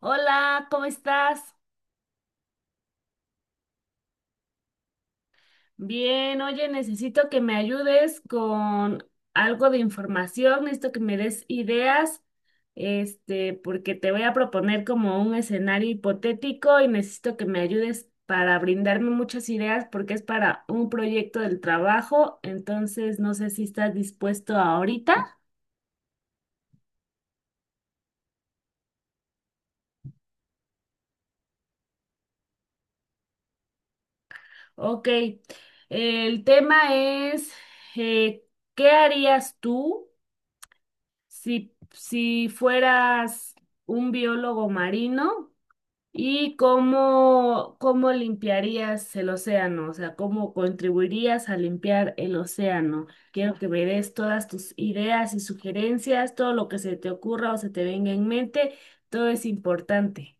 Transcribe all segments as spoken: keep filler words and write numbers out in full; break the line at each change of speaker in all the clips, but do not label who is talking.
Hola, ¿cómo estás? Bien, oye, necesito que me ayudes con algo de información, necesito que me des ideas, este, porque te voy a proponer como un escenario hipotético y necesito que me ayudes para brindarme muchas ideas porque es para un proyecto del trabajo, entonces no sé si estás dispuesto ahorita. Ok, el tema es, eh, ¿qué harías tú? Si, si fueras un biólogo marino y cómo, cómo limpiarías el océano, o sea, cómo contribuirías a limpiar el océano. Quiero que me des todas tus ideas y sugerencias, todo lo que se te ocurra o se te venga en mente, todo es importante.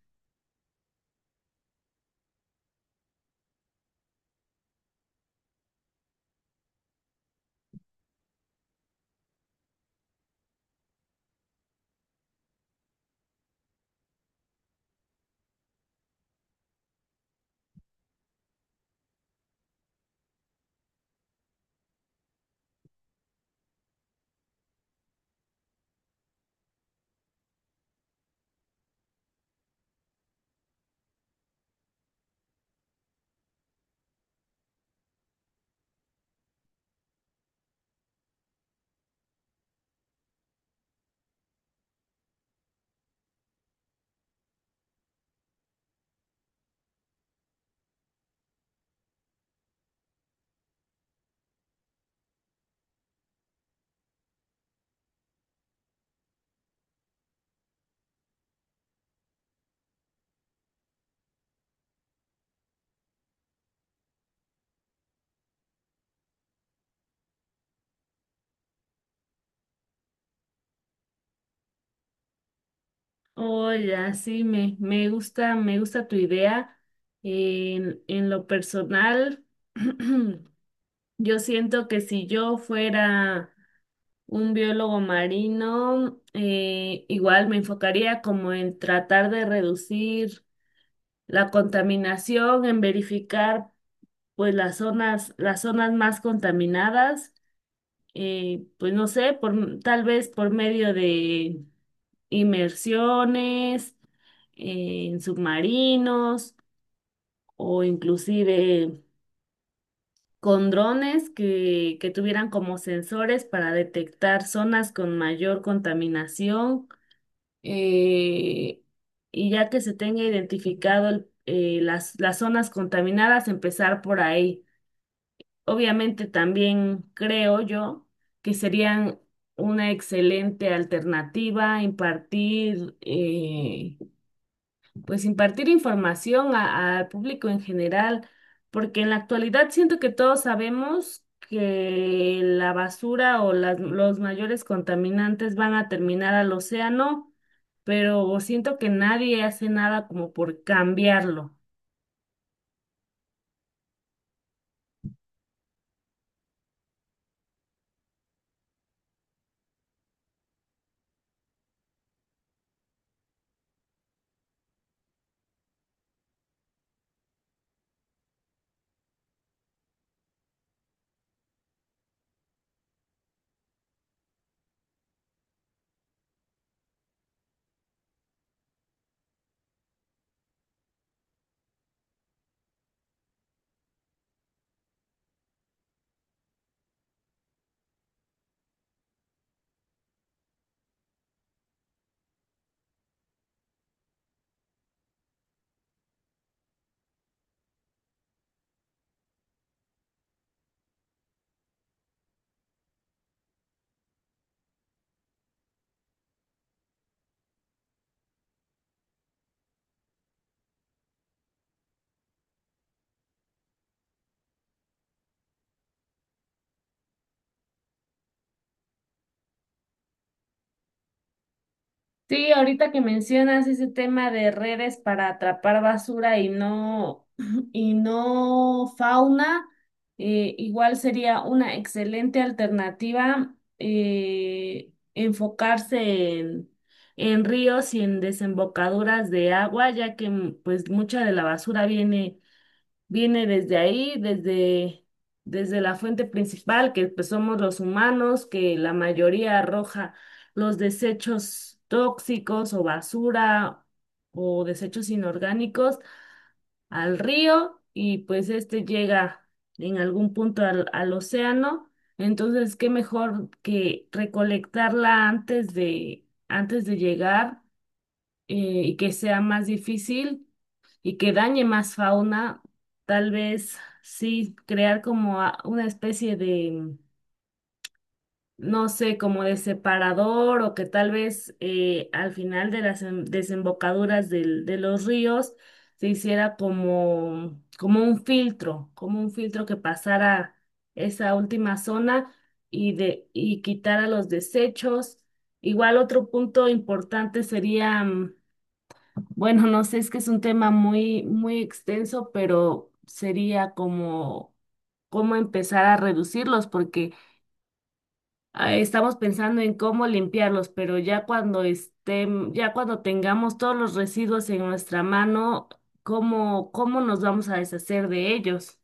Hola, sí, me, me gusta, me gusta tu idea. En, en lo personal, yo siento que si yo fuera un biólogo marino, eh, igual me enfocaría como en tratar de reducir la contaminación, en verificar pues las zonas, las zonas más contaminadas, eh, pues no sé, por, tal vez por medio de inmersiones eh, en submarinos o inclusive con drones que, que tuvieran como sensores para detectar zonas con mayor contaminación eh, y ya que se tenga identificado el- eh, las, las zonas contaminadas, empezar por ahí. Obviamente también creo yo que serían una excelente alternativa impartir eh, pues impartir información a- al público en general, porque en la actualidad siento que todos sabemos que la basura o las, los mayores contaminantes van a terminar al océano, pero siento que nadie hace nada como por cambiarlo. Sí, ahorita que mencionas ese tema de redes para atrapar basura y no, y no fauna, eh, igual sería una excelente alternativa eh, enfocarse en, en ríos y en desembocaduras de agua, ya que mm, pues mucha de la basura viene viene desde ahí, desde, desde la fuente principal, que pues, somos los humanos, que la mayoría arroja los desechos tóxicos o basura o desechos inorgánicos al río y pues este llega en algún punto al, al océano. Entonces, qué mejor que recolectarla antes de, antes de llegar eh, y que sea más difícil y que dañe más fauna, tal vez sí crear como a- una especie de, no sé, como de separador o que tal vez eh, al final de las em- desembocaduras del- de los ríos se hiciera como, como un filtro, como un filtro que pasara esa última zona y, de, y quitara los desechos. Igual otro punto importante sería mm, bueno, no sé, es que es un tema muy, muy extenso, pero sería como cómo empezar a reducirlos, porque ah, estamos pensando en cómo limpiarlos, pero ya cuando estén, ya cuando tengamos todos los residuos en nuestra mano, ¿cómo, cómo nos vamos a deshacer de ellos?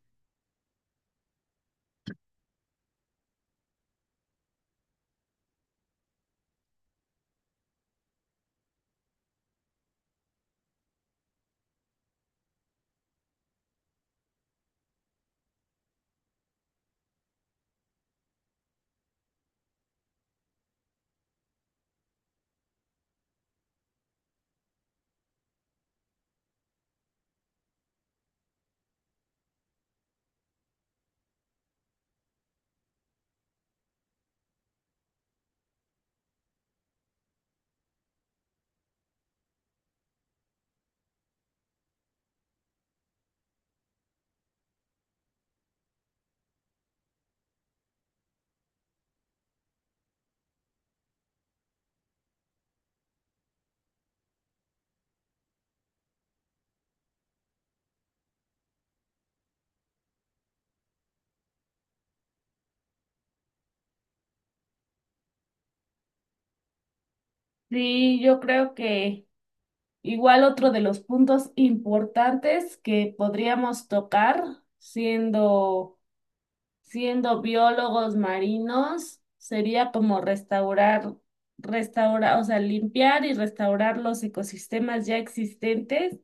Sí, yo creo que igual otro de los puntos importantes que podríamos tocar siendo siendo biólogos marinos, sería como restaurar, restaurar, o sea, limpiar y restaurar los ecosistemas ya existentes,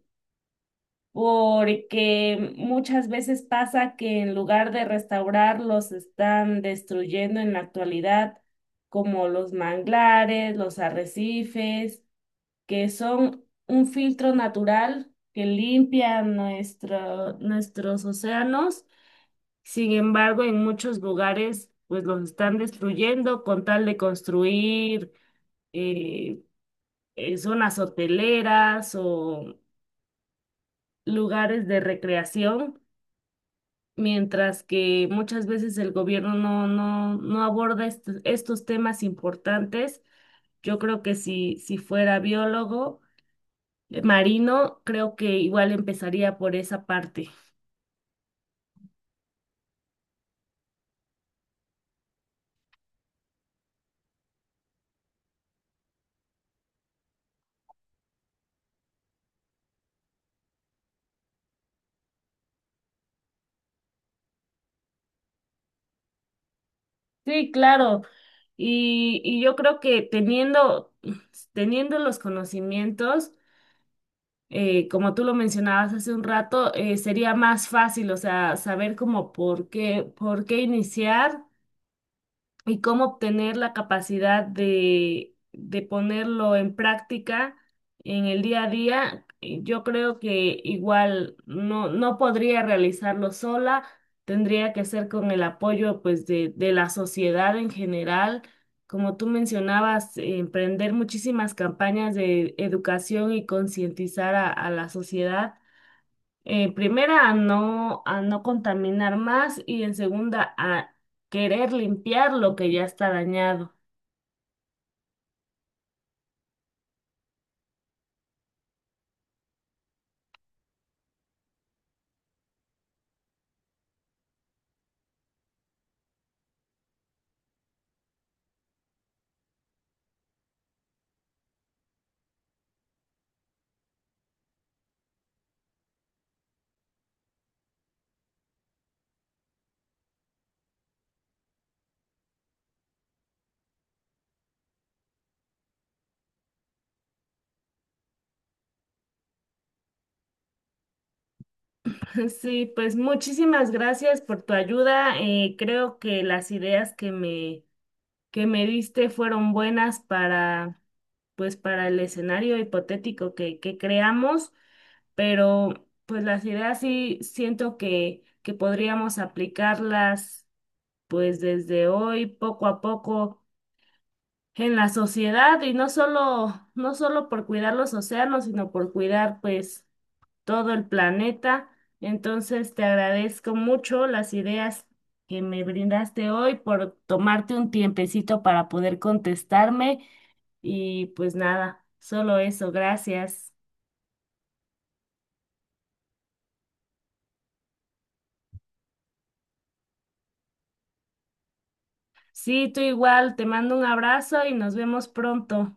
porque muchas veces pasa que en lugar de restaurarlos están destruyendo en la actualidad, como los manglares, los arrecifes, que son un filtro natural que limpia nuestro, nuestros océanos. Sin embargo, en muchos lugares, pues los están destruyendo con tal de construir eh, eh, zonas hoteleras o lugares de recreación, mientras que muchas veces el gobierno no, no, no aborda estos, estos temas importantes. Yo creo que si, si fuera biólogo eh, marino, creo que igual empezaría por esa parte. Sí, claro. Y, y yo creo que teniendo, teniendo los conocimientos, eh, como tú lo mencionabas hace un rato, eh, sería más fácil, o sea, saber cómo por qué, por qué iniciar y cómo obtener la capacidad de, de ponerlo en práctica en el día a día, eh, yo creo que igual no, no podría realizarlo sola, tendría que ser con el apoyo pues de, de la sociedad en general. Como tú mencionabas, eh, emprender muchísimas campañas de educación y concientizar a a la sociedad en primera, a no, a no contaminar más y en segunda, a querer limpiar lo que ya está dañado. Sí, pues muchísimas gracias por tu ayuda. Eh, creo que las ideas que me, que me diste fueron buenas para, pues, para el escenario hipotético que, que creamos, pero pues las ideas sí siento que, que podríamos aplicarlas pues desde hoy, poco a poco en la sociedad y no solo, no solo por cuidar los océanos, sino por cuidar pues todo el planeta. Entonces te agradezco mucho las ideas que me brindaste hoy por tomarte un tiempecito para poder contestarme y pues nada, solo eso, gracias. Sí, tú igual, te mando un abrazo y nos vemos pronto.